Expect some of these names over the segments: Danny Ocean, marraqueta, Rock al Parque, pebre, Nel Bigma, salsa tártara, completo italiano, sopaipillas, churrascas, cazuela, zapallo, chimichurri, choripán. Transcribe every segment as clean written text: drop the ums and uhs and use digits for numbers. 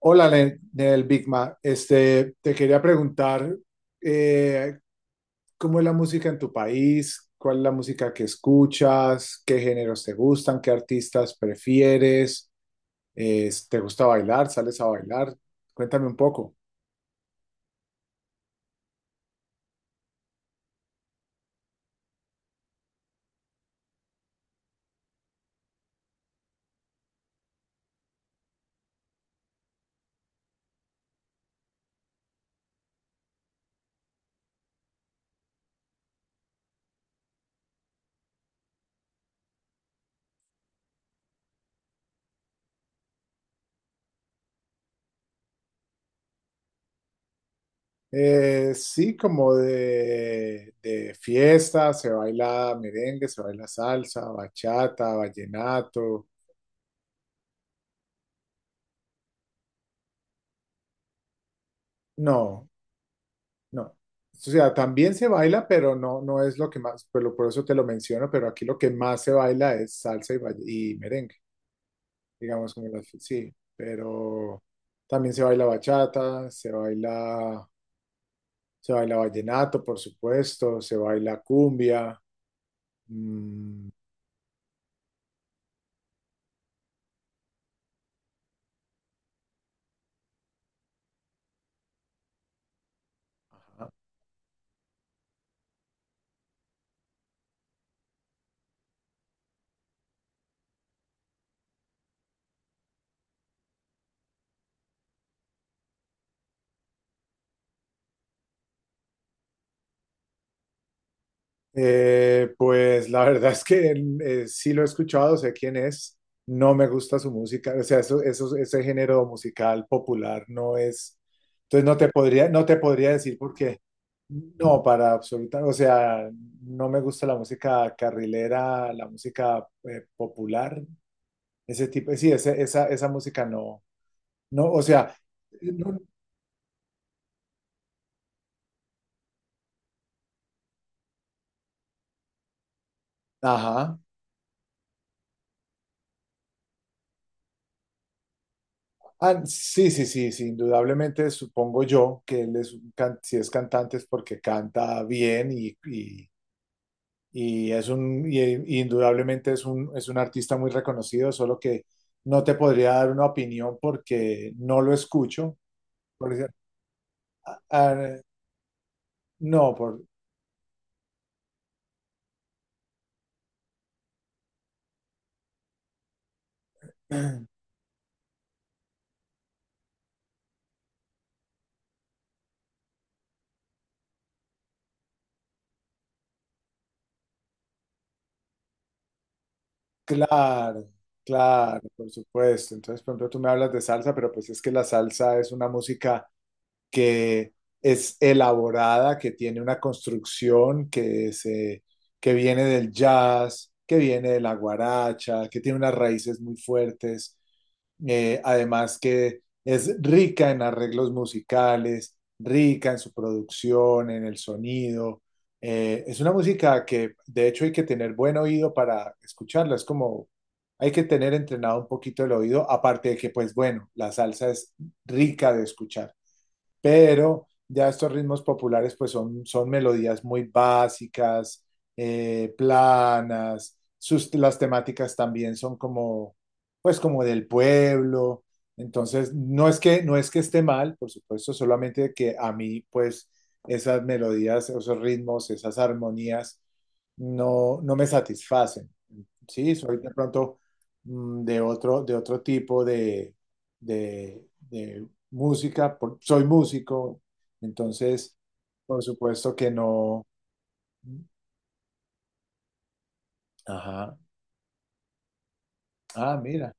Hola, Len- Nel Bigma. Te quería preguntar eh, cómo es la música en tu país, cuál es la música que escuchas, qué géneros te gustan, qué artistas prefieres, te gusta bailar, sales a bailar. Cuéntame un poco. Sí, como de fiesta, se baila merengue, se baila salsa, bachata, vallenato. No, no. O sea, también se baila, pero no, no es lo que más, pero por eso te lo menciono, pero aquí lo que más se baila es salsa y, vall- y merengue, digamos como las, sí, pero también se baila bachata, se baila vallenato, por supuesto, se baila cumbia, mm, eh, pues la verdad es que sí lo he escuchado, sé quién es, no me gusta su música, o sea, eso, ese género musical popular no es, entonces no te no te podría decir porque no, para absoluta, o sea, no me gusta la música carrilera, la música popular, ese tipo, sí, esa, esa música no, no, o sea, no- ajá. Ah, sí, sí, sí, sí, indudablemente supongo yo que él es, un can- si es cantante es porque canta bien y es un, y indudablemente es un artista muy reconocido, solo que no te podría dar una opinión porque no lo escucho. Por ej- ah, no, por, claro, claro, por supuesto. Entonces, por ejemplo, tú me hablas de salsa, pero pues es que la salsa es una música que es elaborada, que tiene una construcción que viene del jazz, que viene de la guaracha, que tiene unas raíces muy fuertes, además que es rica en arreglos musicales, rica en su producción, en el sonido. Es una música que de hecho hay que tener buen oído para escucharla, es como hay que tener entrenado un poquito el oído, aparte de que pues bueno, la salsa es rica de escuchar, pero ya estos ritmos populares pues son melodías muy básicas, planas, las temáticas también son como, pues como del pueblo, entonces no es que esté mal, por supuesto, solamente que a mí pues esas melodías, esos ritmos, esas armonías no, no me satisfacen, sí, soy de pronto de otro tipo de música, por- soy músico, entonces, por supuesto que no. Ajá. Ah, mira.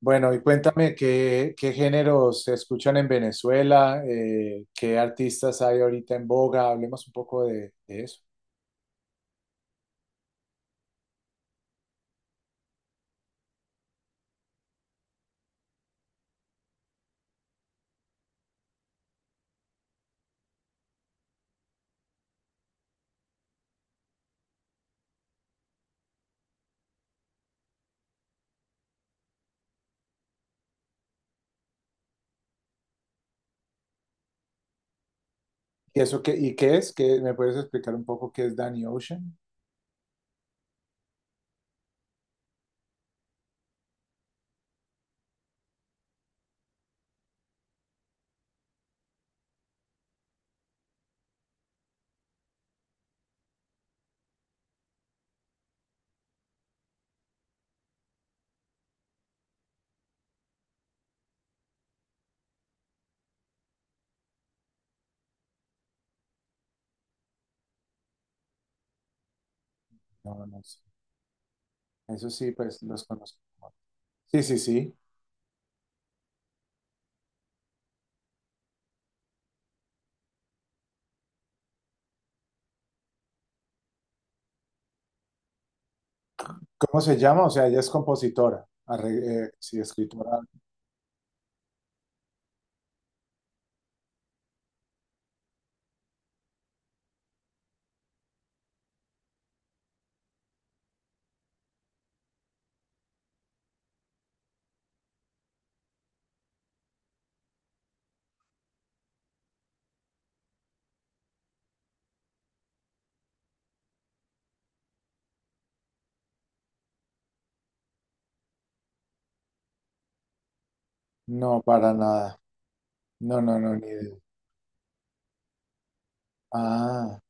Bueno, y cuéntame qué, qué géneros se escuchan en Venezuela, qué artistas hay ahorita en boga, hablemos un poco de eso. ¿Y eso qué, y qué es? ¿Qué, ¿Me puedes explicar un poco qué es Danny Ocean? No, no sé. Eso sí, pues los conozco. Sí, sí, sí. ¿Cómo se llama? O sea, ella es compositora, arre- sí, escritora. No, para nada. No, no, no, ni idea. Ah.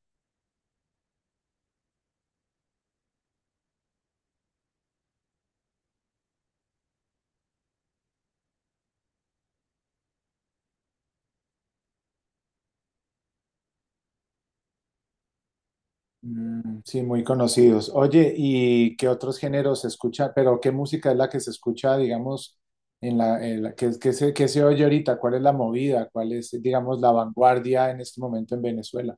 Mm, sí, muy conocidos. Oye, ¿y qué otros géneros se escucha? Pero ¿qué música es la que se escucha, digamos, en la- qué, qué se oye ahorita? ¿Cuál es la movida? ¿Cuál es, digamos, la vanguardia en este momento en Venezuela?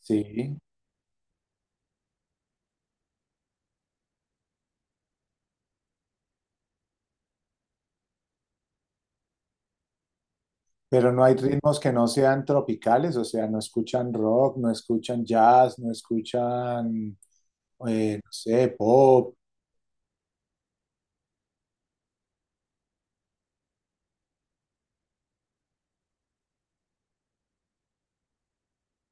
Sí, pero no hay ritmos que no sean tropicales, o sea, no escuchan rock, no escuchan jazz, no escuchan, no sé, pop,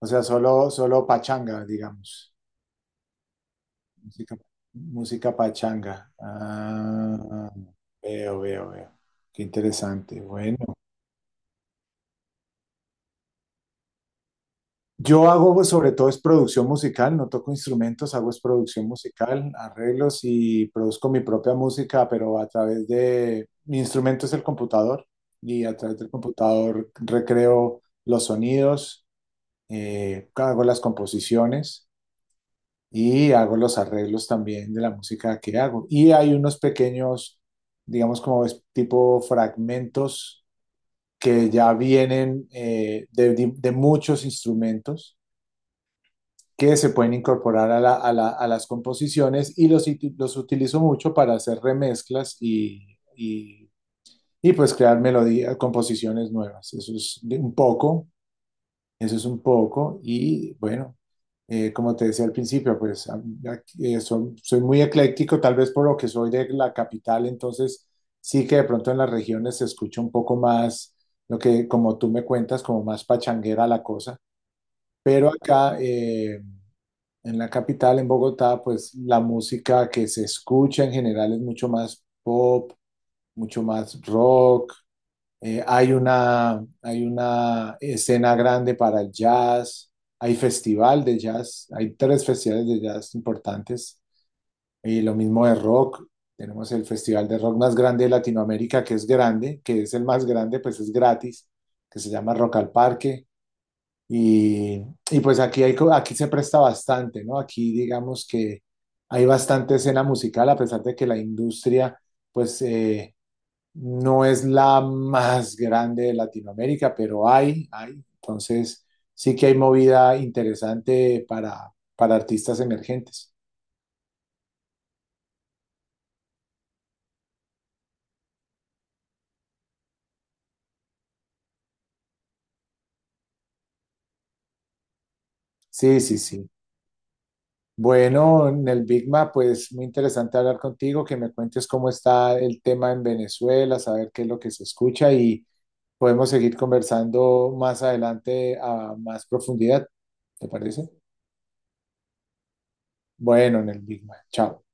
o sea, solo pachanga, digamos. Música, música pachanga. Ah, veo, veo, veo. Qué interesante. Bueno, yo hago pues, sobre todo es producción musical, no toco instrumentos, hago es producción musical, arreglos y produzco mi propia música, pero a través de mi instrumento es el computador y a través del computador recreo los sonidos, hago las composiciones y hago los arreglos también de la música que hago. Y hay unos pequeños, digamos como es- tipo fragmentos que ya vienen de, de muchos instrumentos que se pueden incorporar a, a a las composiciones y los, uti- los utilizo mucho para hacer remezclas y pues crear melodías, composiciones nuevas. Un poco. Eso es un poco y bueno, como te decía al principio, pues son- soy muy ecléctico, tal vez por lo que soy de la capital, entonces sí que de pronto en las regiones se escucha un poco más lo que, como tú me cuentas, como más pachanguera la cosa, pero acá en la capital, en Bogotá, pues la música que se escucha en general es mucho más pop, mucho más rock, hay una escena grande para el jazz, hay festival de jazz, hay tres festivales de jazz importantes, y lo mismo de rock, tenemos el festival de rock más grande de Latinoamérica, que es grande, que es el más grande, pues es gratis, que se llama Rock al Parque, y, y pues aquí, hay, co- aquí se presta bastante, ¿no? Aquí digamos que hay bastante escena musical, a pesar de que la industria, pues... no es la más grande de Latinoamérica, pero hay, hay. Entonces, sí que hay movida interesante para artistas emergentes. Sí, sí, sí. Bueno, en el Bigma, pues muy interesante hablar contigo, que me cuentes cómo está el tema en Venezuela, saber qué es lo que se escucha y podemos seguir conversando más adelante a más profundidad, ¿te parece? Bueno, en el Bigma. Chao.